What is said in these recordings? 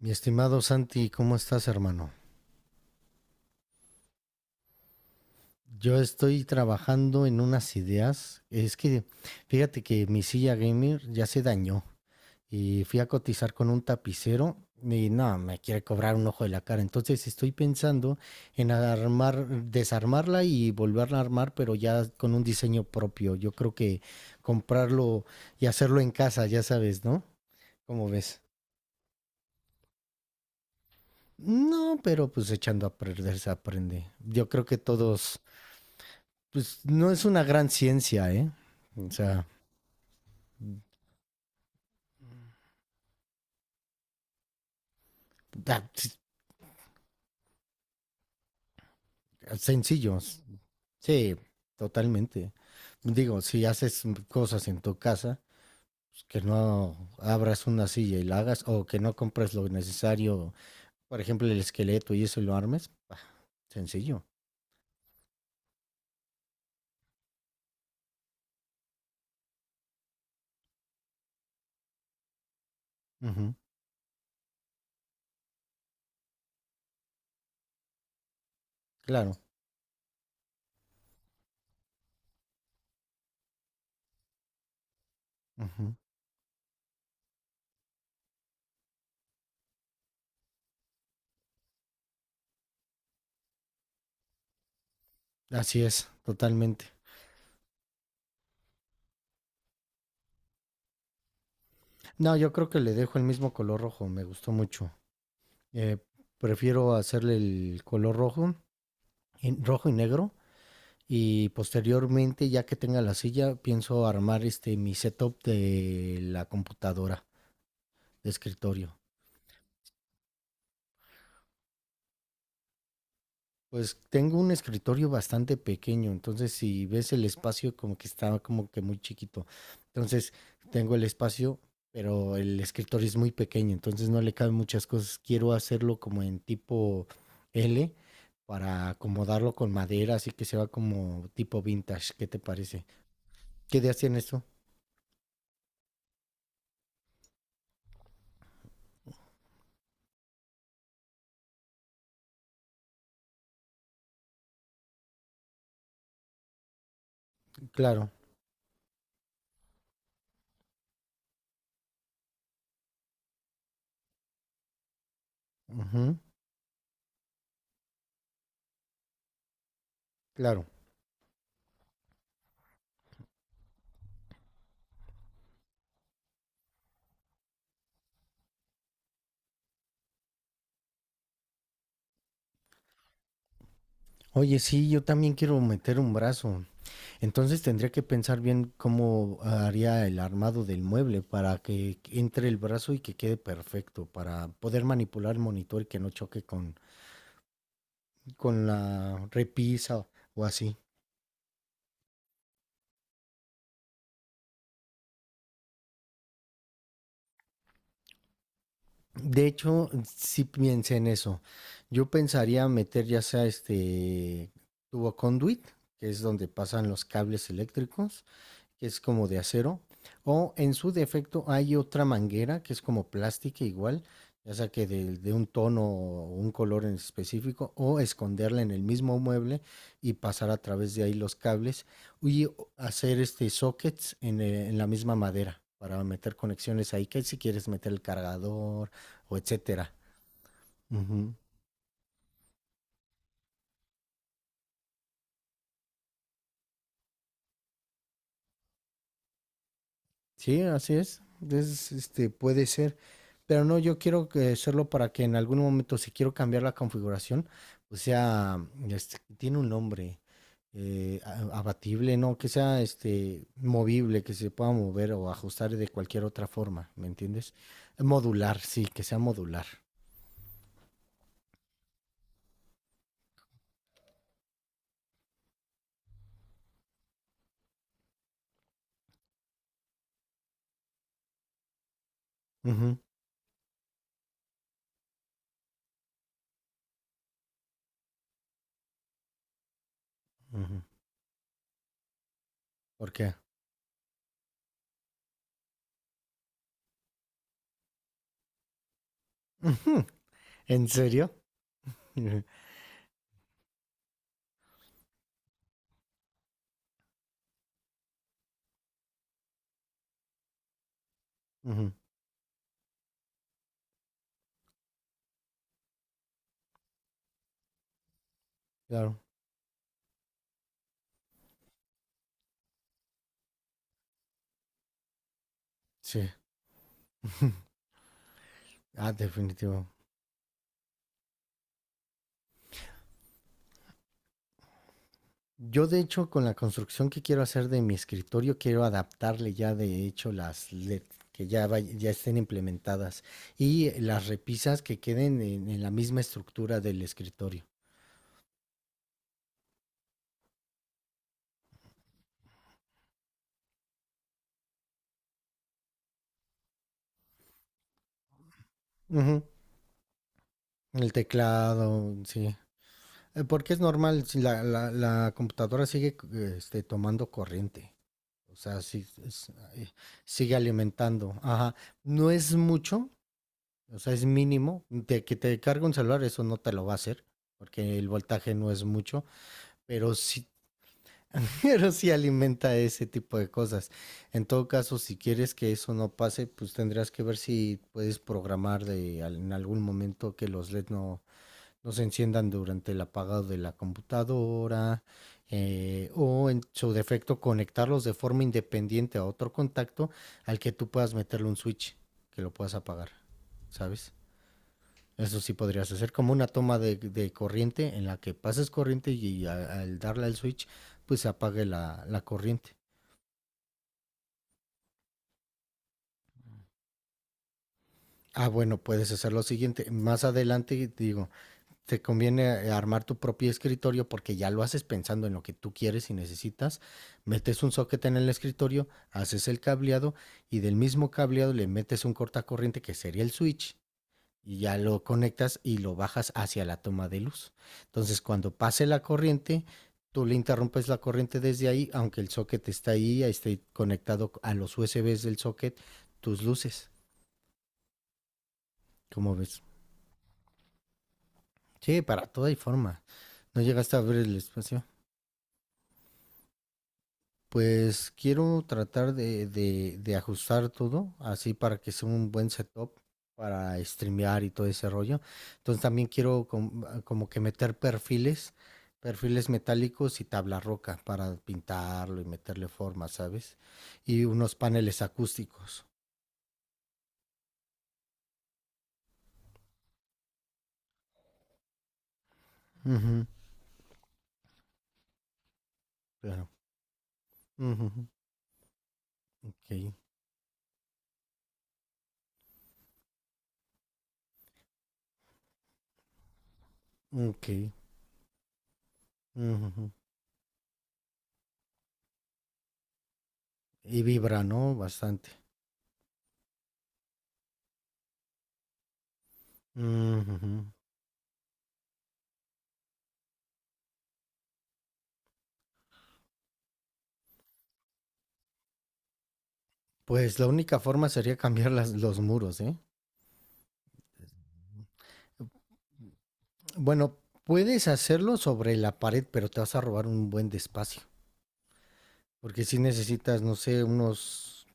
Mi estimado Santi, ¿cómo estás, hermano? Yo estoy trabajando en unas ideas. Es que fíjate que mi silla gamer ya se dañó y fui a cotizar con un tapicero y no, me quiere cobrar un ojo de la cara. Entonces estoy pensando en armar, desarmarla y volverla a armar, pero ya con un diseño propio. Yo creo que comprarlo y hacerlo en casa, ya sabes, ¿no? ¿Cómo ves? No, pero pues echando a perder se aprende. Yo creo que todos pues no es una gran ciencia, ¿eh? O sea, da- sencillos. Sí, totalmente. Digo, si haces cosas en tu casa, pues, que no abras una silla y la hagas, o que no compres lo necesario, por ejemplo, el esqueleto y eso y lo armes, bah, sencillo. Ujú, claro. Ujú. Así es, totalmente. No, yo creo que le dejo el mismo color rojo, me gustó mucho. Eh, Prefiero hacerle el color rojo, en rojo y negro. Y posteriormente, ya que tenga la silla, pienso armar este mi setup de la computadora de escritorio. Pues tengo un escritorio bastante pequeño, entonces si ves el espacio como que está como que muy chiquito. Entonces tengo el espacio, pero el escritorio es muy pequeño, entonces no le caben muchas cosas. Quiero hacerlo como en tipo L para acomodarlo con madera, así que se va como tipo vintage. ¿Qué te parece? ¿Qué ideas tienes tú? Claro. Ujú. Claro. Oye, sí, yo también quiero meter un brazo. Entonces tendría que pensar bien cómo haría el armado del mueble para que entre el brazo y que quede perfecto, para poder manipular el monitor y que no choque con la repisa o así. De hecho, sí piense en eso. Yo pensaría meter ya sea este tubo conduit, que es donde pasan los cables eléctricos, que es como de acero, o en su defecto hay otra manguera que es como plástica igual, ya sea que de un tono o un color en específico, o esconderla en el mismo mueble y pasar a través de ahí los cables y hacer este sockets en la misma madera para meter conexiones ahí, que si quieres meter el cargador o etcétera. Ujú. Sí, así es. Es, este, puede ser. Pero no, yo quiero que hacerlo para que en algún momento, si quiero cambiar la configuración, o sea, este, tiene un nombre, abatible, ¿no? Que sea este, movible, que se pueda mover o ajustar de cualquier otra forma, ¿me entiendes? Modular, sí, que sea modular. Ujú, ujú. ¿Por qué? Ujú. ¿En serio? Ujú. Claro, sí. Ah, definitivo. Yo, de hecho, con la construcción que quiero hacer de mi escritorio, quiero adaptarle ya, de hecho, las LED que ya, ya estén implementadas, y las repisas que queden en la misma estructura del escritorio. Ujú. El teclado, sí. Porque es normal, si la computadora sigue tomando corriente. O sea, sí, eh, sigue alimentando. Ajá. No es mucho. O sea, es mínimo, de que te cargue un celular, eso no te lo va a hacer, porque el voltaje no es mucho, pero sí, pero sí alimenta ese tipo de cosas. En todo caso, si quieres que eso no pase, pues tendrías que ver si puedes programar en algún momento que los LED no, no se enciendan durante el apagado de la computadora, o en su defecto conectarlos de forma independiente a otro contacto al que tú puedas meterle un switch que lo puedas apagar, ¿sabes? Eso sí podrías hacer como una toma de corriente en la que pases corriente y al darle al switch pues se apague la corriente. Ah, bueno, puedes hacer lo siguiente. Más adelante, digo, te conviene armar tu propio escritorio porque ya lo haces pensando en lo que tú quieres y necesitas. Metes un socket en el escritorio, haces el cableado y del mismo cableado le metes un cortacorriente que sería el switch y ya lo conectas y lo bajas hacia la toma de luz. Entonces, cuando pase la corriente, tú le interrumpes la corriente desde ahí, aunque el socket está ahí, esté conectado a los USBs del socket, tus luces, como ves. Sí, para toda y forma. No llegaste a ver el espacio. Pues quiero tratar de ajustar todo así para que sea un buen setup para streamear y todo ese rollo. Entonces también quiero como que meter perfiles metálicos y tabla roca para pintarlo y meterle forma, ¿sabes? Y unos paneles acústicos. Ujú. Pero, ujú, ok, ok, ujú. Y vibra, ¿no? Bastante. Ujú. Pues la única forma sería cambiar los muros, ¿eh? Bueno, puedes hacerlo sobre la pared, pero te vas a robar un buen despacio. Porque si necesitas, no sé, unos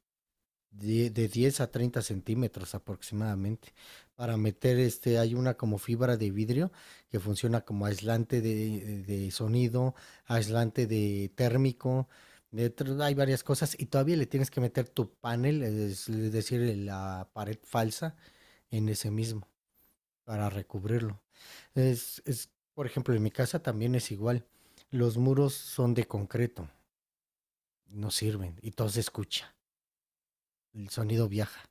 de 10 a 30 centímetros aproximadamente. Para meter hay una como fibra de vidrio que funciona como aislante de sonido, aislante de térmico. Hay varias cosas y todavía le tienes que meter tu panel, es decir, la pared falsa en ese mismo para recubrirlo. Es, por ejemplo, en mi casa también es igual. Los muros son de concreto, no sirven y todo se escucha, el sonido viaja.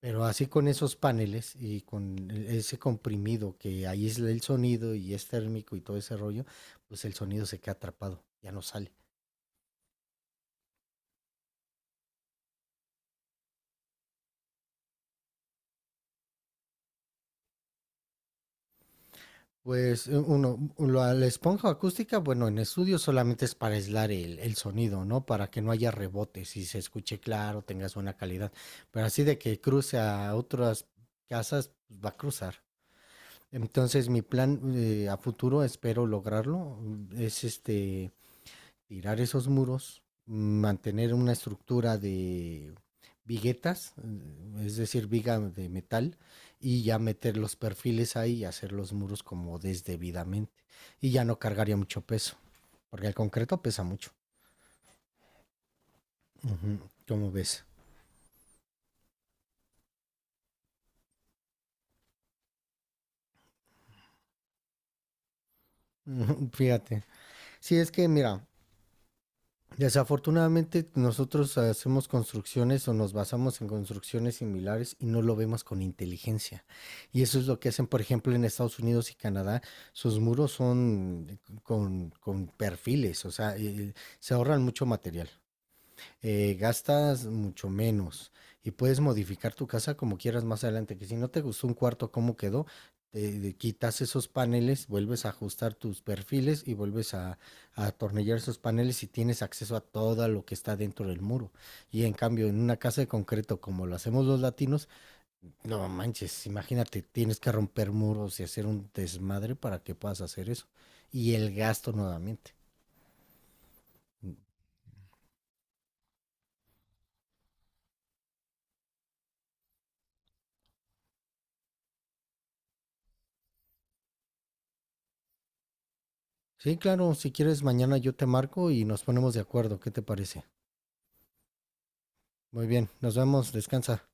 Pero así con esos paneles y con ese comprimido que aísla el sonido y es térmico y todo ese rollo, pues el sonido se queda atrapado, ya no sale. Pues uno, la esponja acústica, bueno, en estudio solamente es para aislar el sonido, ¿no? Para que no haya rebotes y se escuche claro, tengas buena calidad. Pero así de que cruce a otras casas, pues, va a cruzar. Entonces mi plan, a futuro, espero lograrlo, es tirar esos muros, mantener una estructura de viguetas, es decir, viga de metal, y ya meter los perfiles ahí y hacer los muros como desdebidamente. Y ya no cargaría mucho peso, porque el concreto pesa mucho. Ujú. ¿Cómo ves? Ujú. Fíjate. Sí, es que mira, desafortunadamente nosotros hacemos construcciones o nos basamos en construcciones similares y no lo vemos con inteligencia. Y eso es lo que hacen, por ejemplo, en Estados Unidos y Canadá. Sus muros son con perfiles, o sea, se ahorran mucho material, gastas mucho menos y puedes modificar tu casa como quieras más adelante, que si no te gustó un cuarto cómo quedó, te quitas esos paneles, vuelves a ajustar tus perfiles y vuelves a atornillar esos paneles y tienes acceso a todo lo que está dentro del muro. Y en cambio, en una casa de concreto como lo hacemos los latinos, no manches, imagínate, tienes que romper muros y hacer un desmadre para que puedas hacer eso. Y el gasto nuevamente. Sí, claro, si quieres mañana yo te marco y nos ponemos de acuerdo, ¿qué te parece? Muy bien, nos vemos, descansa.